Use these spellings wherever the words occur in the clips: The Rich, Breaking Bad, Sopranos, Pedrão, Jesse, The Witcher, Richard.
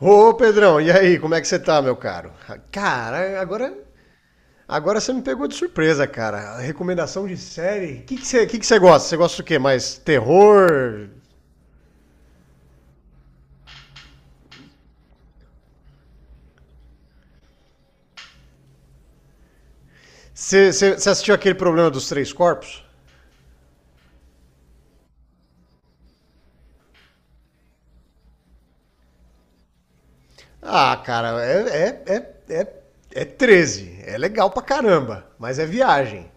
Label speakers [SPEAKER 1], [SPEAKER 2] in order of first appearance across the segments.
[SPEAKER 1] Ô, Pedrão, e aí, como é que você tá, meu caro? Cara, agora você me pegou de surpresa, cara. Recomendação de série? O que que você gosta? Você gosta do quê? Mais terror? Você assistiu aquele problema dos três corpos? Ah, cara, é, é, é 13. É legal pra caramba, mas é viagem.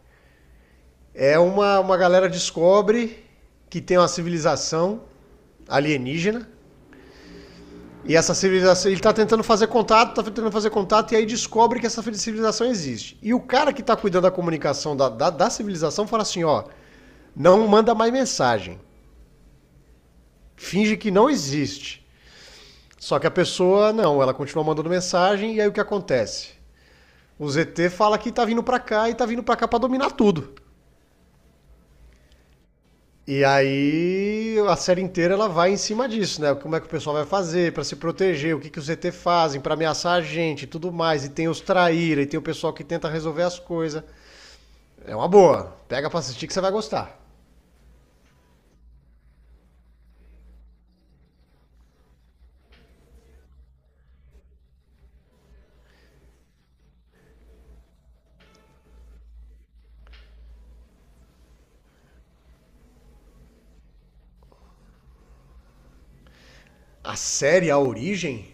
[SPEAKER 1] É uma galera descobre que tem uma civilização alienígena. E essa civilização, ele está tentando fazer contato, está tentando fazer contato, e aí descobre que essa civilização existe. E o cara que está cuidando da comunicação da civilização fala assim: ó, não manda mais mensagem. Finge que não existe. Só que a pessoa, não, ela continua mandando mensagem, e aí o que acontece? O ZT fala que tá vindo pra cá e tá vindo pra cá pra dominar tudo. E aí a série inteira ela vai em cima disso, né? Como é que o pessoal vai fazer para se proteger, o que, que os ET fazem para ameaçar a gente e tudo mais. E tem os traíra, e tem o pessoal que tenta resolver as coisas. É uma boa. Pega pra assistir que você vai gostar. A série A Origem?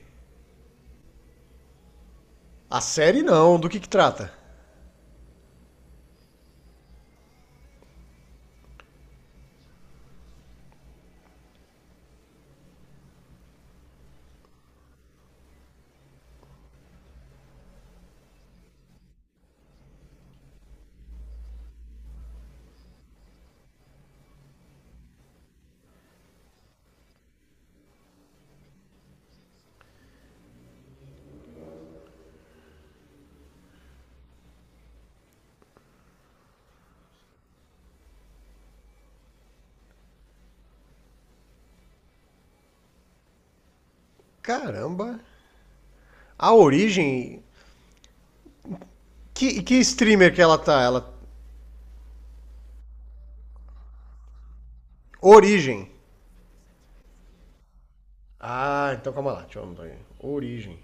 [SPEAKER 1] A série não, do que trata? Caramba. A Origem... que streamer que ela tá? Ela... Origem. Ah, então calma lá, deixa eu anotar aí. Origem.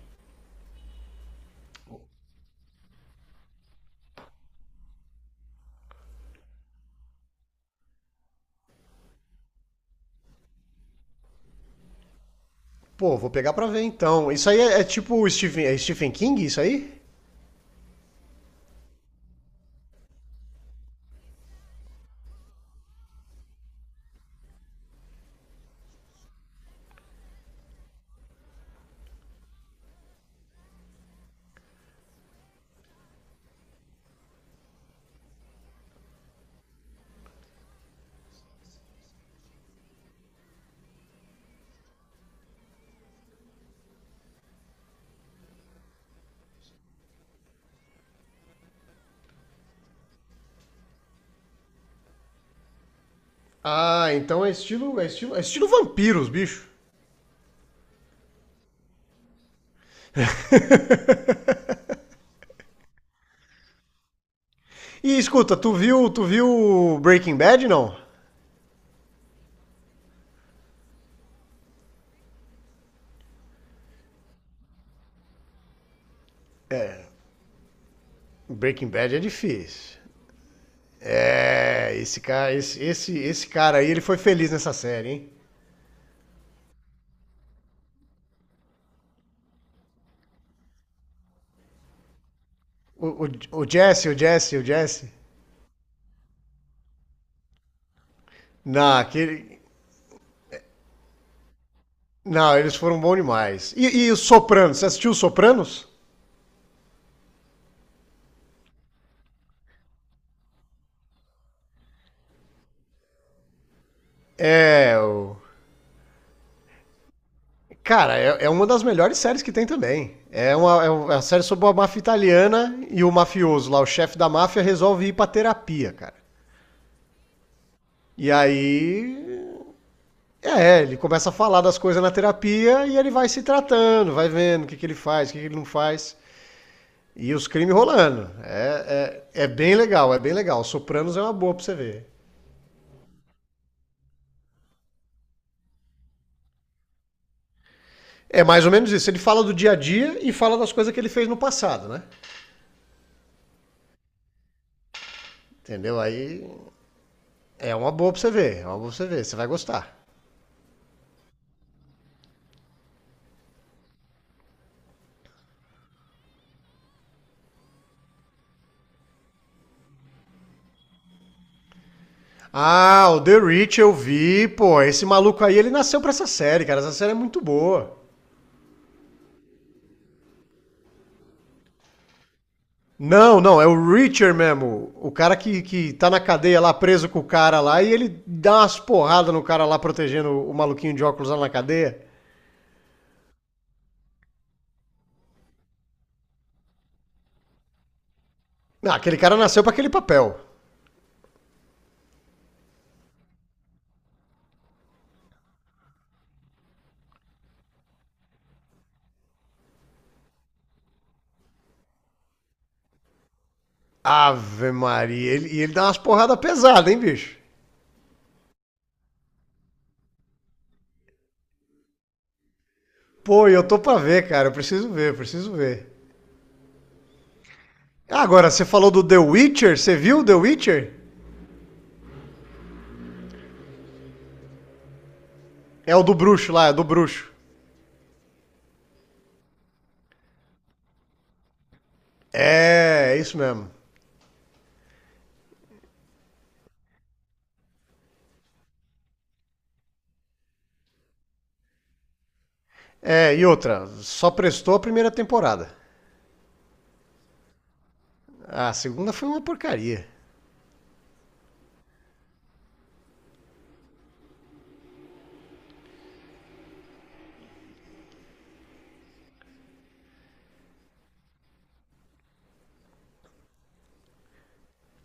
[SPEAKER 1] Pô, vou pegar pra ver então. Isso aí é, é tipo Stephen, é Stephen King, isso aí? Ah, então é estilo, é estilo, é estilo vampiros, bicho. E escuta, tu viu Breaking Bad não? Breaking Bad é difícil. É, esse cara, esse cara aí, ele foi feliz nessa série, hein? O, o, o Jesse, o Jesse. Não, não, eles foram bons demais. E os Sopranos, você assistiu os Sopranos? É, o... Cara, é uma das melhores séries que tem também. É, uma, é uma série sobre a máfia italiana e o mafioso lá, o chefe da máfia, resolve ir pra terapia, cara. E aí. É, ele começa a falar das coisas na terapia e ele vai se tratando, vai vendo o que, que ele faz, o que, que ele não faz. E os crimes rolando. É bem legal, é bem legal. Sopranos é uma boa pra você ver. É mais ou menos isso. Ele fala do dia a dia e fala das coisas que ele fez no passado, né? Entendeu? Aí é uma boa pra você ver. É uma boa pra você ver. Você vai gostar. Ah, o The Rich eu vi, pô. Esse maluco aí, ele nasceu pra essa série, cara. Essa série é muito boa. Não, não, é o Richard mesmo. O cara que tá na cadeia lá, preso com o cara lá, e ele dá umas porradas no cara lá, protegendo o maluquinho de óculos lá na cadeia. Não, aquele cara nasceu pra aquele papel. Ave Maria, ele- e ele, dá umas porradas pesadas, hein, bicho? Pô, e eu tô pra ver, cara, eu preciso ver, eu preciso ver. Ah, agora, você falou do The Witcher, você viu o The Witcher? É o do bruxo lá, é do bruxo. É, é isso mesmo. É, e outra, só prestou a primeira temporada. A segunda foi uma porcaria.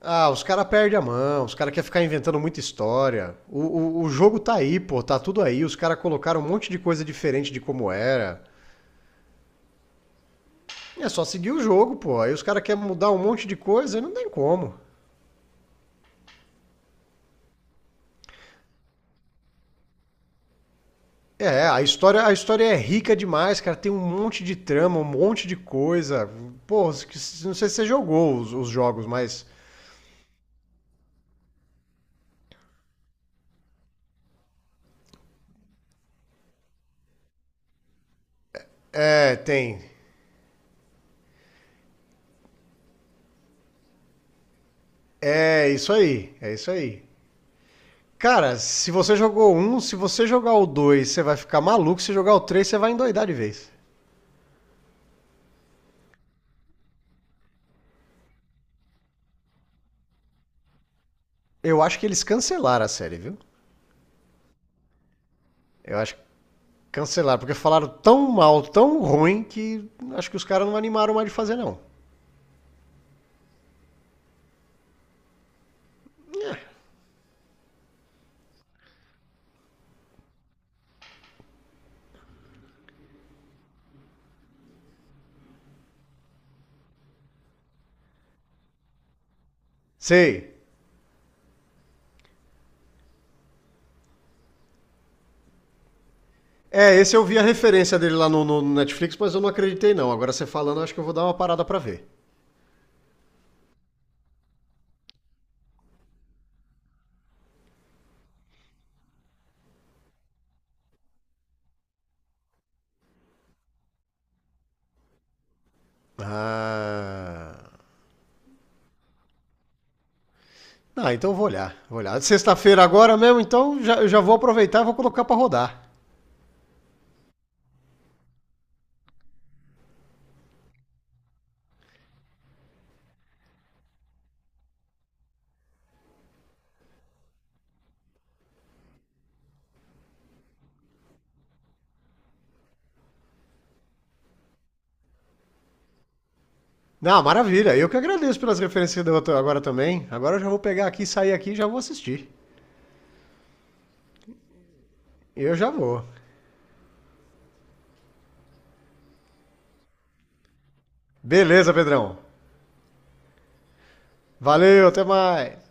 [SPEAKER 1] Ah, os caras perdem a mão, os caras querem ficar inventando muita história. O jogo tá aí, pô, tá tudo aí. Os caras colocaram um monte de coisa diferente de como era. É só seguir o jogo, pô. Aí os caras querem mudar um monte de coisa e não tem como. É, a história é rica demais, cara. Tem um monte de trama, um monte de coisa. Pô, não sei se você jogou os jogos, mas. É, tem. É isso aí, é isso aí. Cara, se você jogou um, se você jogar o dois, você vai ficar maluco. Se jogar o três, você vai endoidar de vez. Eu acho que eles cancelaram a série, viu? Eu acho que cancelaram, porque falaram tão mal, tão ruim, que acho que os caras não animaram mais de fazer, não. É. Sei. É, esse eu vi a referência dele lá no, no Netflix, mas eu não acreditei, não. Agora você falando, eu acho que eu vou dar uma parada pra ver. Ah. Ah, então eu vou olhar. Vou olhar. Sexta-feira agora mesmo, então já, eu já vou aproveitar e vou colocar pra rodar. Não, maravilha. Eu que agradeço pelas referências que você deu agora também. Agora eu já vou pegar aqui, sair aqui e já vou assistir. Eu já vou. Beleza, Pedrão. Valeu, até mais.